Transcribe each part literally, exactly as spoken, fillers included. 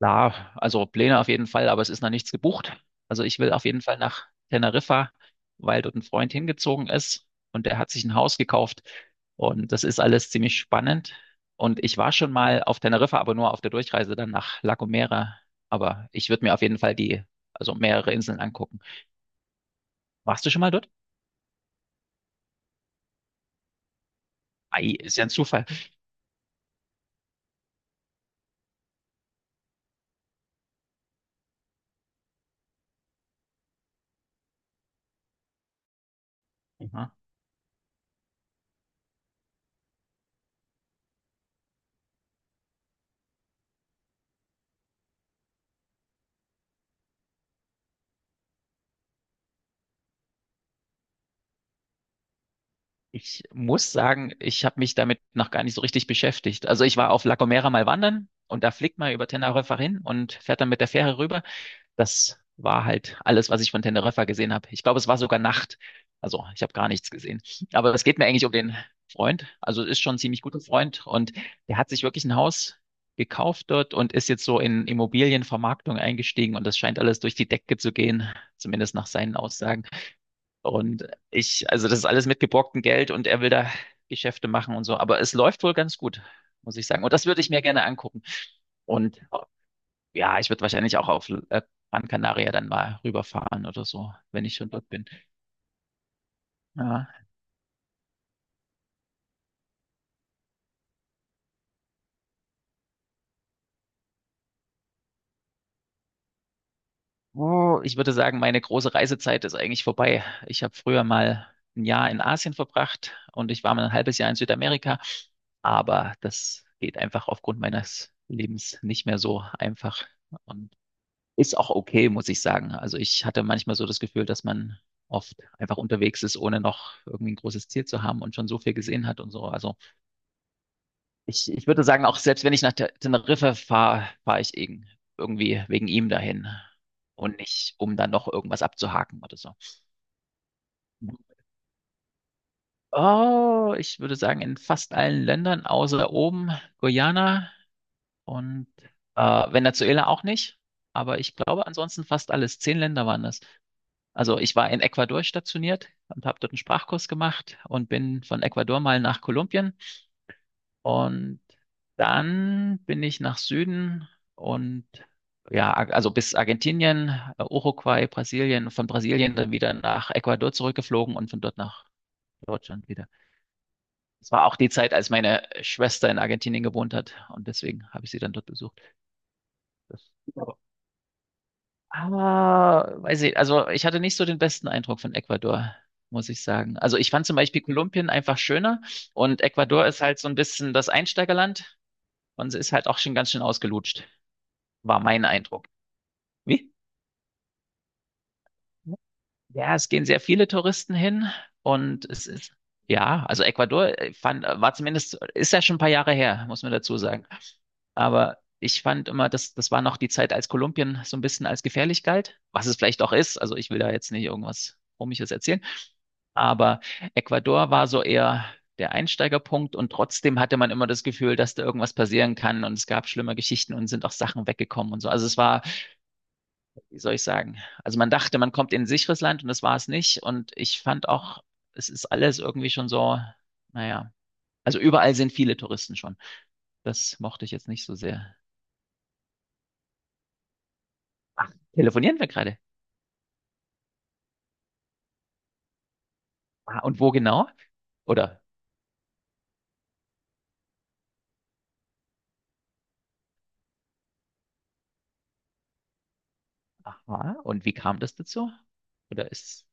Ja, also Pläne auf jeden Fall, aber es ist noch nichts gebucht. Also ich will auf jeden Fall nach Teneriffa, weil dort ein Freund hingezogen ist und der hat sich ein Haus gekauft und das ist alles ziemlich spannend. Und ich war schon mal auf Teneriffa, aber nur auf der Durchreise dann nach La Gomera. Aber ich würde mir auf jeden Fall die, also mehrere Inseln angucken. Warst du schon mal dort? Ei, ist ja ein Zufall. Ich muss sagen, ich habe mich damit noch gar nicht so richtig beschäftigt. Also ich war auf La Gomera mal wandern und da fliegt man über Teneriffa hin und fährt dann mit der Fähre rüber. Das war halt alles, was ich von Teneriffa gesehen habe. Ich glaube, es war sogar Nacht. Also ich habe gar nichts gesehen. Aber es geht mir eigentlich um den Freund. Also ist schon ein ziemlich guter Freund und der hat sich wirklich ein Haus gekauft dort und ist jetzt so in Immobilienvermarktung eingestiegen und das scheint alles durch die Decke zu gehen, zumindest nach seinen Aussagen. Und ich, also das ist alles mit geborgtem Geld und er will da Geschäfte machen und so. Aber es läuft wohl ganz gut, muss ich sagen. Und das würde ich mir gerne angucken. Und ja, ich würde wahrscheinlich auch auf äh, Gran Canaria dann mal rüberfahren oder so, wenn ich schon dort bin. Ja. Oh, ich würde sagen, meine große Reisezeit ist eigentlich vorbei. Ich habe früher mal ein Jahr in Asien verbracht und ich war mal ein halbes Jahr in Südamerika. Aber das geht einfach aufgrund meines Lebens nicht mehr so einfach. Und ist auch okay, muss ich sagen. Also ich hatte manchmal so das Gefühl, dass man oft einfach unterwegs ist, ohne noch irgendwie ein großes Ziel zu haben und schon so viel gesehen hat und so. Also ich, ich würde sagen, auch selbst wenn ich nach Te- Teneriffa fahre, fahre ich irgend- irgendwie wegen ihm dahin und nicht, um dann noch irgendwas abzuhaken oder so. Oh, ich würde sagen, in fast allen Ländern, außer oben, Guyana und äh, Venezuela auch nicht. Aber ich glaube, ansonsten fast alles. Zehn Länder waren das. Also ich war in Ecuador stationiert und habe dort einen Sprachkurs gemacht und bin von Ecuador mal nach Kolumbien und dann bin ich nach Süden und ja, Ar- also bis Argentinien, äh, Uruguay, Brasilien, von Brasilien dann wieder nach Ecuador zurückgeflogen und von dort nach Deutschland wieder. Es war auch die Zeit, als meine Schwester in Argentinien gewohnt hat und deswegen habe ich sie dann dort besucht. Das Ah, weiß ich, also ich hatte nicht so den besten Eindruck von Ecuador, muss ich sagen. Also ich fand zum Beispiel Kolumbien einfach schöner und Ecuador ist halt so ein bisschen das Einsteigerland und es ist halt auch schon ganz schön ausgelutscht, war mein Eindruck. Wie? Ja, es gehen sehr viele Touristen hin und es ist, ja, also Ecuador äh, fand, äh, war zumindest, ist ja schon ein paar Jahre her, muss man dazu sagen. Aber ich fand immer, das, das war noch die Zeit, als Kolumbien so ein bisschen als gefährlich galt, was es vielleicht auch ist. Also ich will da jetzt nicht irgendwas Komisches erzählen. Aber Ecuador war so eher der Einsteigerpunkt und trotzdem hatte man immer das Gefühl, dass da irgendwas passieren kann und es gab schlimme Geschichten und sind auch Sachen weggekommen und so. Also es war, wie soll ich sagen? Also man dachte, man kommt in ein sicheres Land und das war es nicht. Und ich fand auch, es ist alles irgendwie schon so, naja. Also überall sind viele Touristen schon. Das mochte ich jetzt nicht so sehr. Ach, telefonieren wir gerade? Ah, und wo genau? Oder, aha, und wie kam das dazu? Oder ist,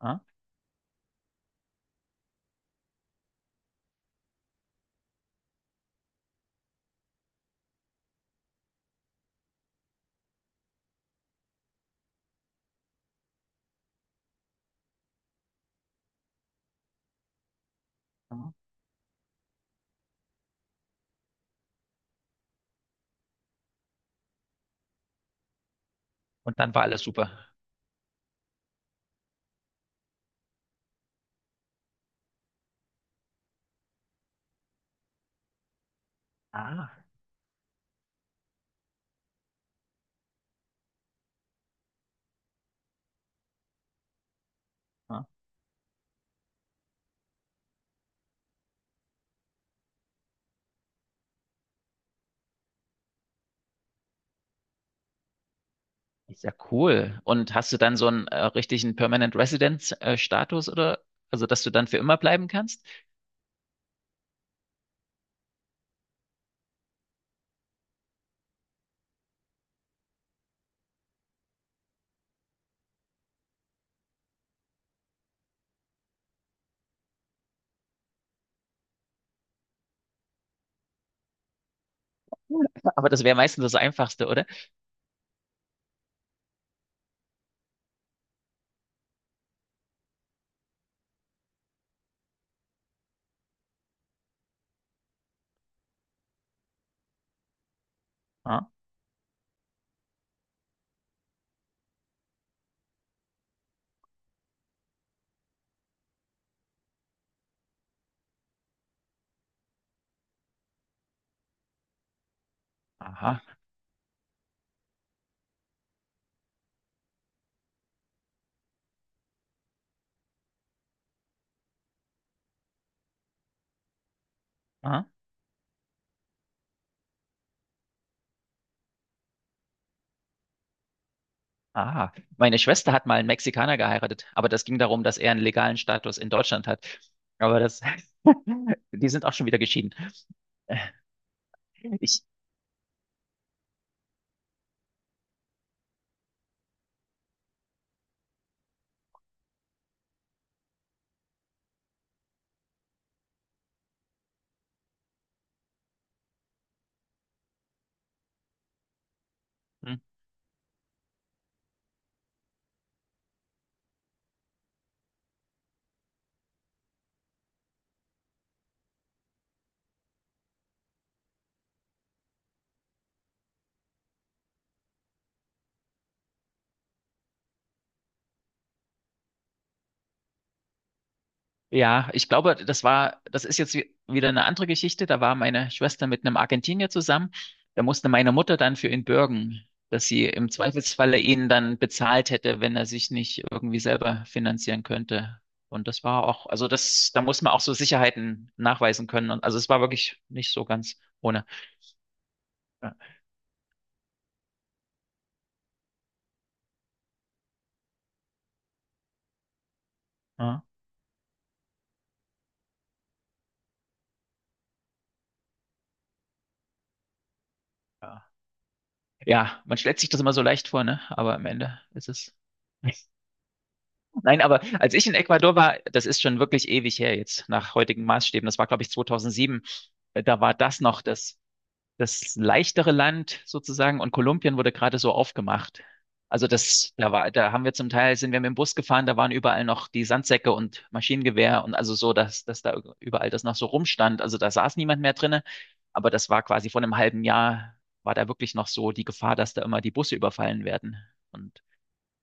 ah, ah. Und dann war alles super. Ah, ah. Ist ja cool. Und hast du dann so einen äh, richtigen Permanent Residence äh, Status oder, also dass du dann für immer bleiben kannst? Cool. Aber das wäre meistens das Einfachste, oder? Ah. Aha, aha, aha. Meine Schwester hat mal einen Mexikaner geheiratet, aber das ging darum, dass er einen legalen Status in Deutschland hat. Aber das, die sind auch schon wieder geschieden. Ich, hm. Ja, ich glaube, das war, das ist jetzt wie- wieder eine andere Geschichte. Da war meine Schwester mit einem Argentinier zusammen. Da musste meine Mutter dann für ihn bürgen, dass sie im Zweifelsfalle ihn dann bezahlt hätte, wenn er sich nicht irgendwie selber finanzieren könnte. Und das war auch, also das, da muss man auch so Sicherheiten nachweisen können. Und also es war wirklich nicht so ganz ohne. Ja, ja. Ja, man stellt sich das immer so leicht vor, ne? Aber am Ende ist es. Nein, aber als ich in Ecuador war, das ist schon wirklich ewig her jetzt, nach heutigen Maßstäben. Das war, glaube ich, zweitausendsieben. Äh, Da war das noch das, das leichtere Land sozusagen und Kolumbien wurde gerade so aufgemacht. Also das, da war, da haben wir zum Teil, sind wir mit dem Bus gefahren, da waren überall noch die Sandsäcke und Maschinengewehr und also so, dass, dass da überall das noch so rumstand. Also da saß niemand mehr drinne, aber das war quasi vor einem halben Jahr, war da wirklich noch so die Gefahr, dass da immer die Busse überfallen werden. Und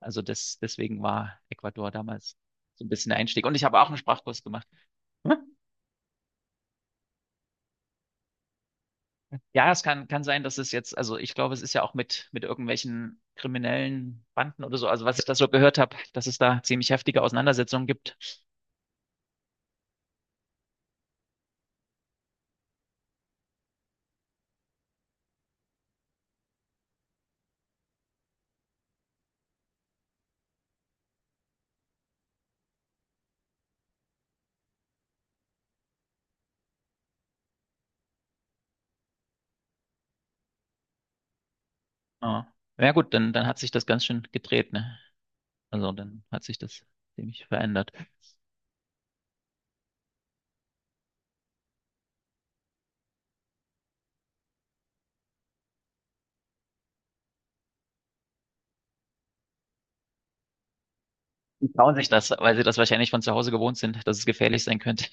also das, deswegen war Ecuador damals so ein bisschen der Einstieg. Und ich habe auch einen Sprachkurs gemacht. Hm? Ja, es kann, kann sein, dass es jetzt, also ich glaube, es ist ja auch mit, mit irgendwelchen kriminellen Banden oder so, also was ich da so gehört habe, dass es da ziemlich heftige Auseinandersetzungen gibt. Ja, ja gut, dann, dann hat sich das ganz schön gedreht, ne? Also dann hat sich das ziemlich verändert. Die trauen sich das, weil sie das wahrscheinlich von zu Hause gewohnt sind, dass es gefährlich sein könnte.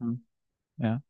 Hm. Ja.